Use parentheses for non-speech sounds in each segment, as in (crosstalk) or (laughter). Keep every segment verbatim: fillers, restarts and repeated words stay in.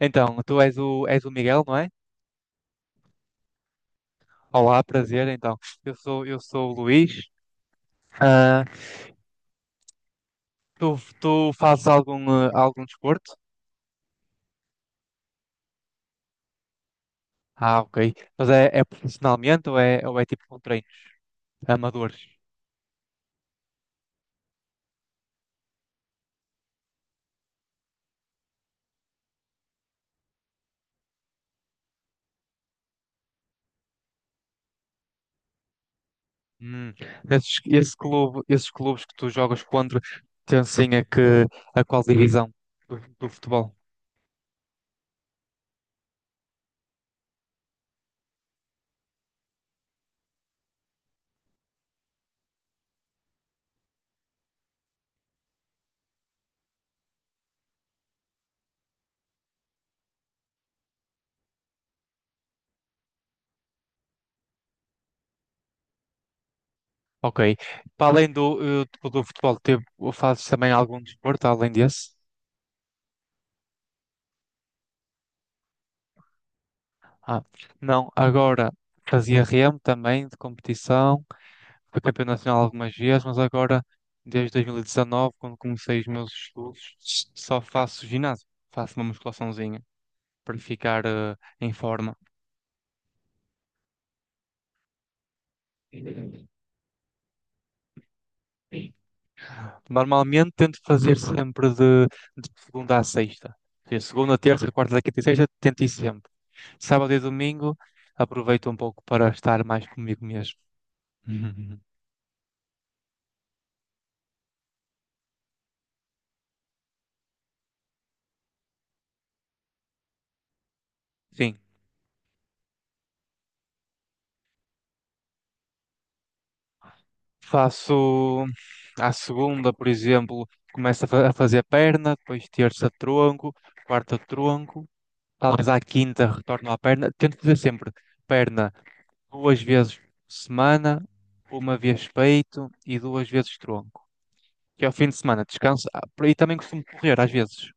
Então, tu és o, és o Miguel, não é? Olá, prazer. Então, eu sou, eu sou o Luís. Ah, tu, tu fazes algum, eh, algum desporto? Ah, ok. Mas é, é profissionalmente ou é, ou é tipo com treinos amadores? Hum. Esses, esse clube, esses clubes que tu jogas contra pertencem a que, a qual divisão do, do futebol? Ok. Para além do, eh, do, do futebol, teve, fazes também algum desporto além desse? Ah, não, agora fazia remo também de competição. Fui campeão nacional algumas vezes, mas agora, desde dois mil e dezenove, quando comecei os meus estudos, só faço ginásio. Faço uma musculaçãozinha para ficar eh, em forma. Normalmente tento fazer sempre de, de segunda a sexta. Ou seja, segunda, terça, quarta, quinta e sexta, tento ir sempre. Sábado e domingo, aproveito um pouco para estar mais comigo mesmo. (laughs) Sim, faço à segunda, por exemplo, começo a fa- a fazer perna, depois terça tronco, quarta tronco, talvez à quinta retorno à perna. Tento fazer sempre perna duas vezes por semana, uma vez peito e duas vezes tronco. Que ao fim de semana descanso. Ah, por aí também costumo correr às vezes.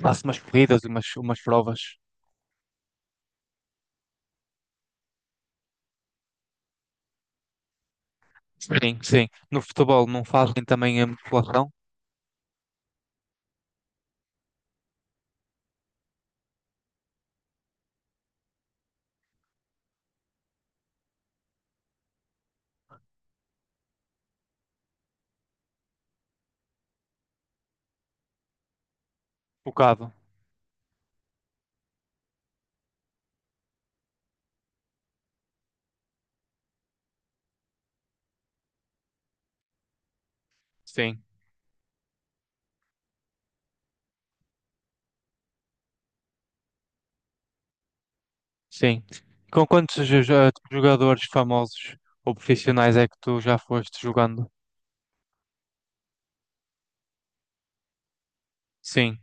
Faço umas corridas, e umas, umas provas. Sim, sim. No futebol não fazem também a musculação? Focado. Sim, sim. Com quantos jo- jo- jogadores famosos ou profissionais é que tu já foste jogando? Sim.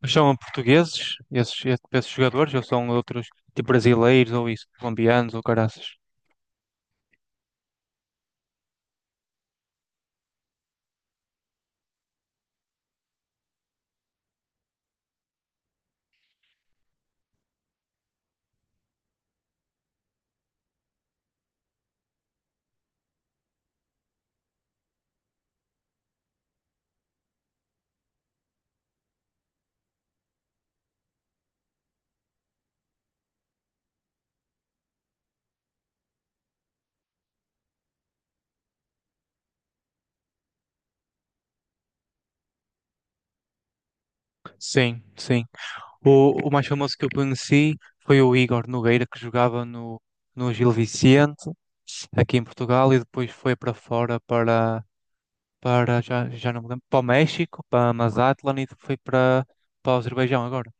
Mas são portugueses, esses, esses jogadores, ou são outros, tipo brasileiros, ou isso, colombianos, ou caraças? Sim, sim. O, o mais famoso que eu conheci foi o Igor Nogueira, que jogava no, no Gil Vicente, aqui em Portugal, e depois foi para fora, para, para já, já não me lembro, para o México, para Mazatlán, e foi para, para o Azerbaijão agora.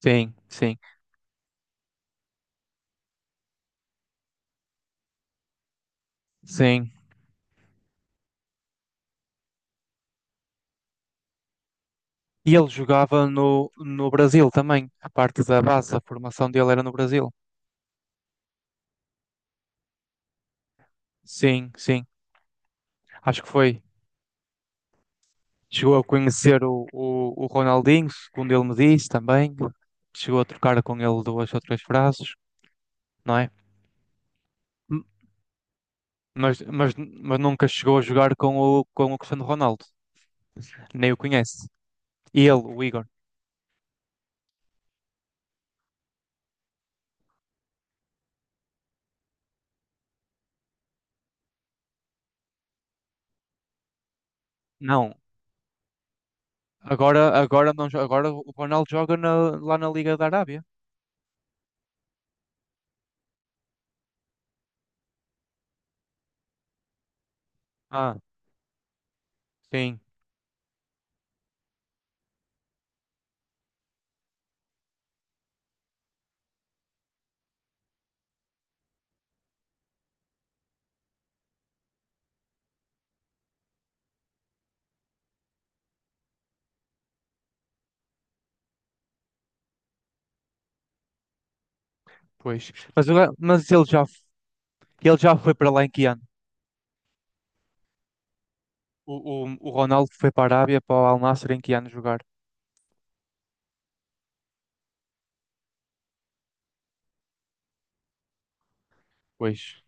Sim, sim, sim. E ele jogava no, no Brasil também. A parte da base, a formação dele era no Brasil. Sim, sim. Acho que foi. Chegou a conhecer o, o, o Ronaldinho, segundo ele me disse também. Chegou a trocar com ele duas ou três frases, não é? M- Mas, mas, mas nunca chegou a jogar com o, com o Cristiano Ronaldo. Nem o conhece. E ele, o Igor. Não. Agora, agora, não, jo- agora o Ronaldo joga na- lá na Liga da Arábia. Ah, sim. Pois. Mas, o- mas ele já, ele já foi para lá em que ano? O, o, o Ronaldo foi para a Arábia, para o Al Nassr, em que ano jogar? Pois.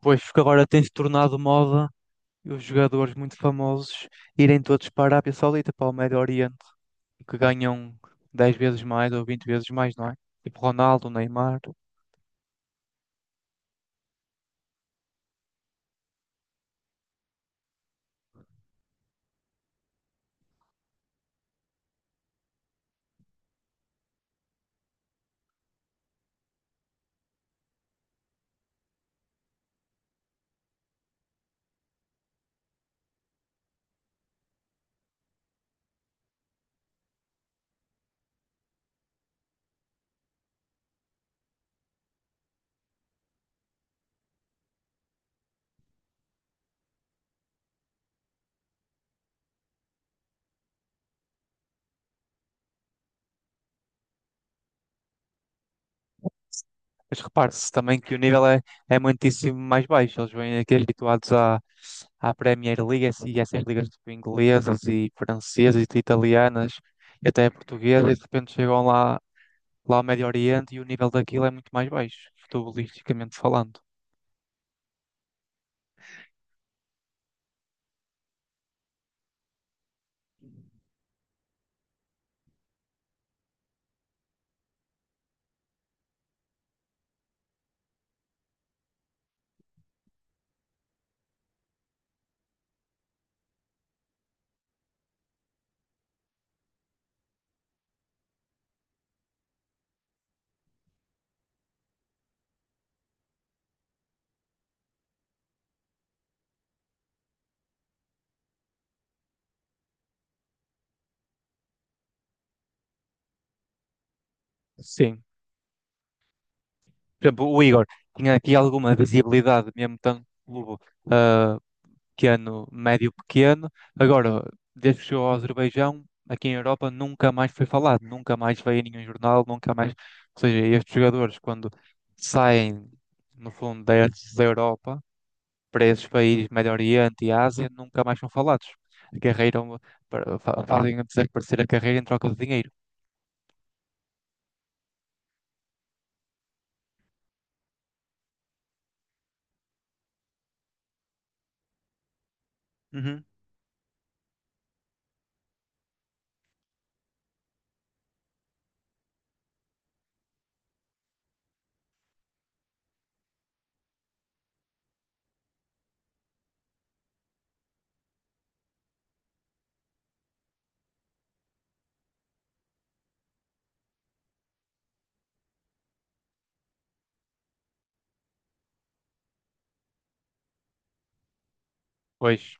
Pois, porque agora tem-se tornado moda os jogadores muito famosos irem todos para a Arábia Saudita, para o Médio Oriente, que ganham dez vezes mais ou vinte vezes mais, não é? Tipo Ronaldo, Neymar. Mas repare-se também que o nível é, é muitíssimo mais baixo. Eles vêm aqui habituados à, à Premier League e essas ligas tipo, inglesas e francesas e italianas e até portuguesas e de repente chegam lá lá ao Médio Oriente e o nível daquilo é muito mais baixo, futebolisticamente falando. Sim. Por exemplo, o Igor tinha aqui alguma visibilidade, mesmo tanto clube ah, pequeno, médio pequeno. Agora, desde que chegou ao Azerbaijão, aqui em Europa nunca mais foi falado, nunca mais veio em nenhum jornal, nunca mais. Ou seja, estes jogadores, quando saem, no fundo, destes da Europa para esses países, Médio Oriente e Ásia, nunca mais são falados. A carreira, é uma- para- fa- fazem desaparecer a carreira em troca de dinheiro. Uhum. Pois,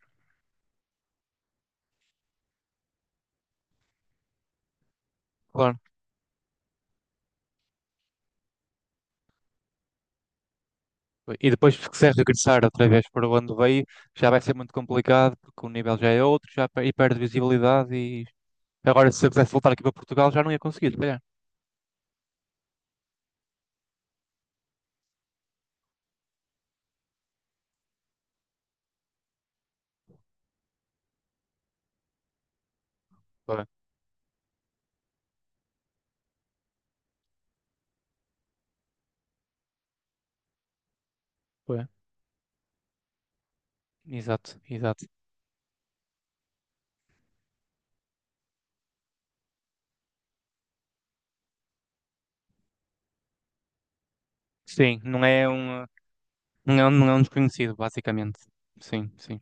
claro. E depois, se quiser regressar outra vez para onde veio, já vai ser muito complicado, porque o nível já é outro, já pe- e perde visibilidade. E agora, se eu quisesse voltar aqui para Portugal, já não ia conseguir, se calhar. Foi, foi. Exato, exato. Sim, não é um, não é um, não é um desconhecido, basicamente. Sim, sim.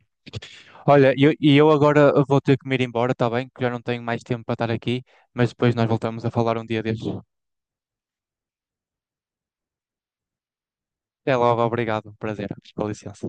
Olha, e eu, e eu agora vou ter que me ir embora, está bem? Que já não tenho mais tempo para estar aqui, mas depois nós voltamos a falar um dia destes. Até logo, obrigado, prazer, com licença.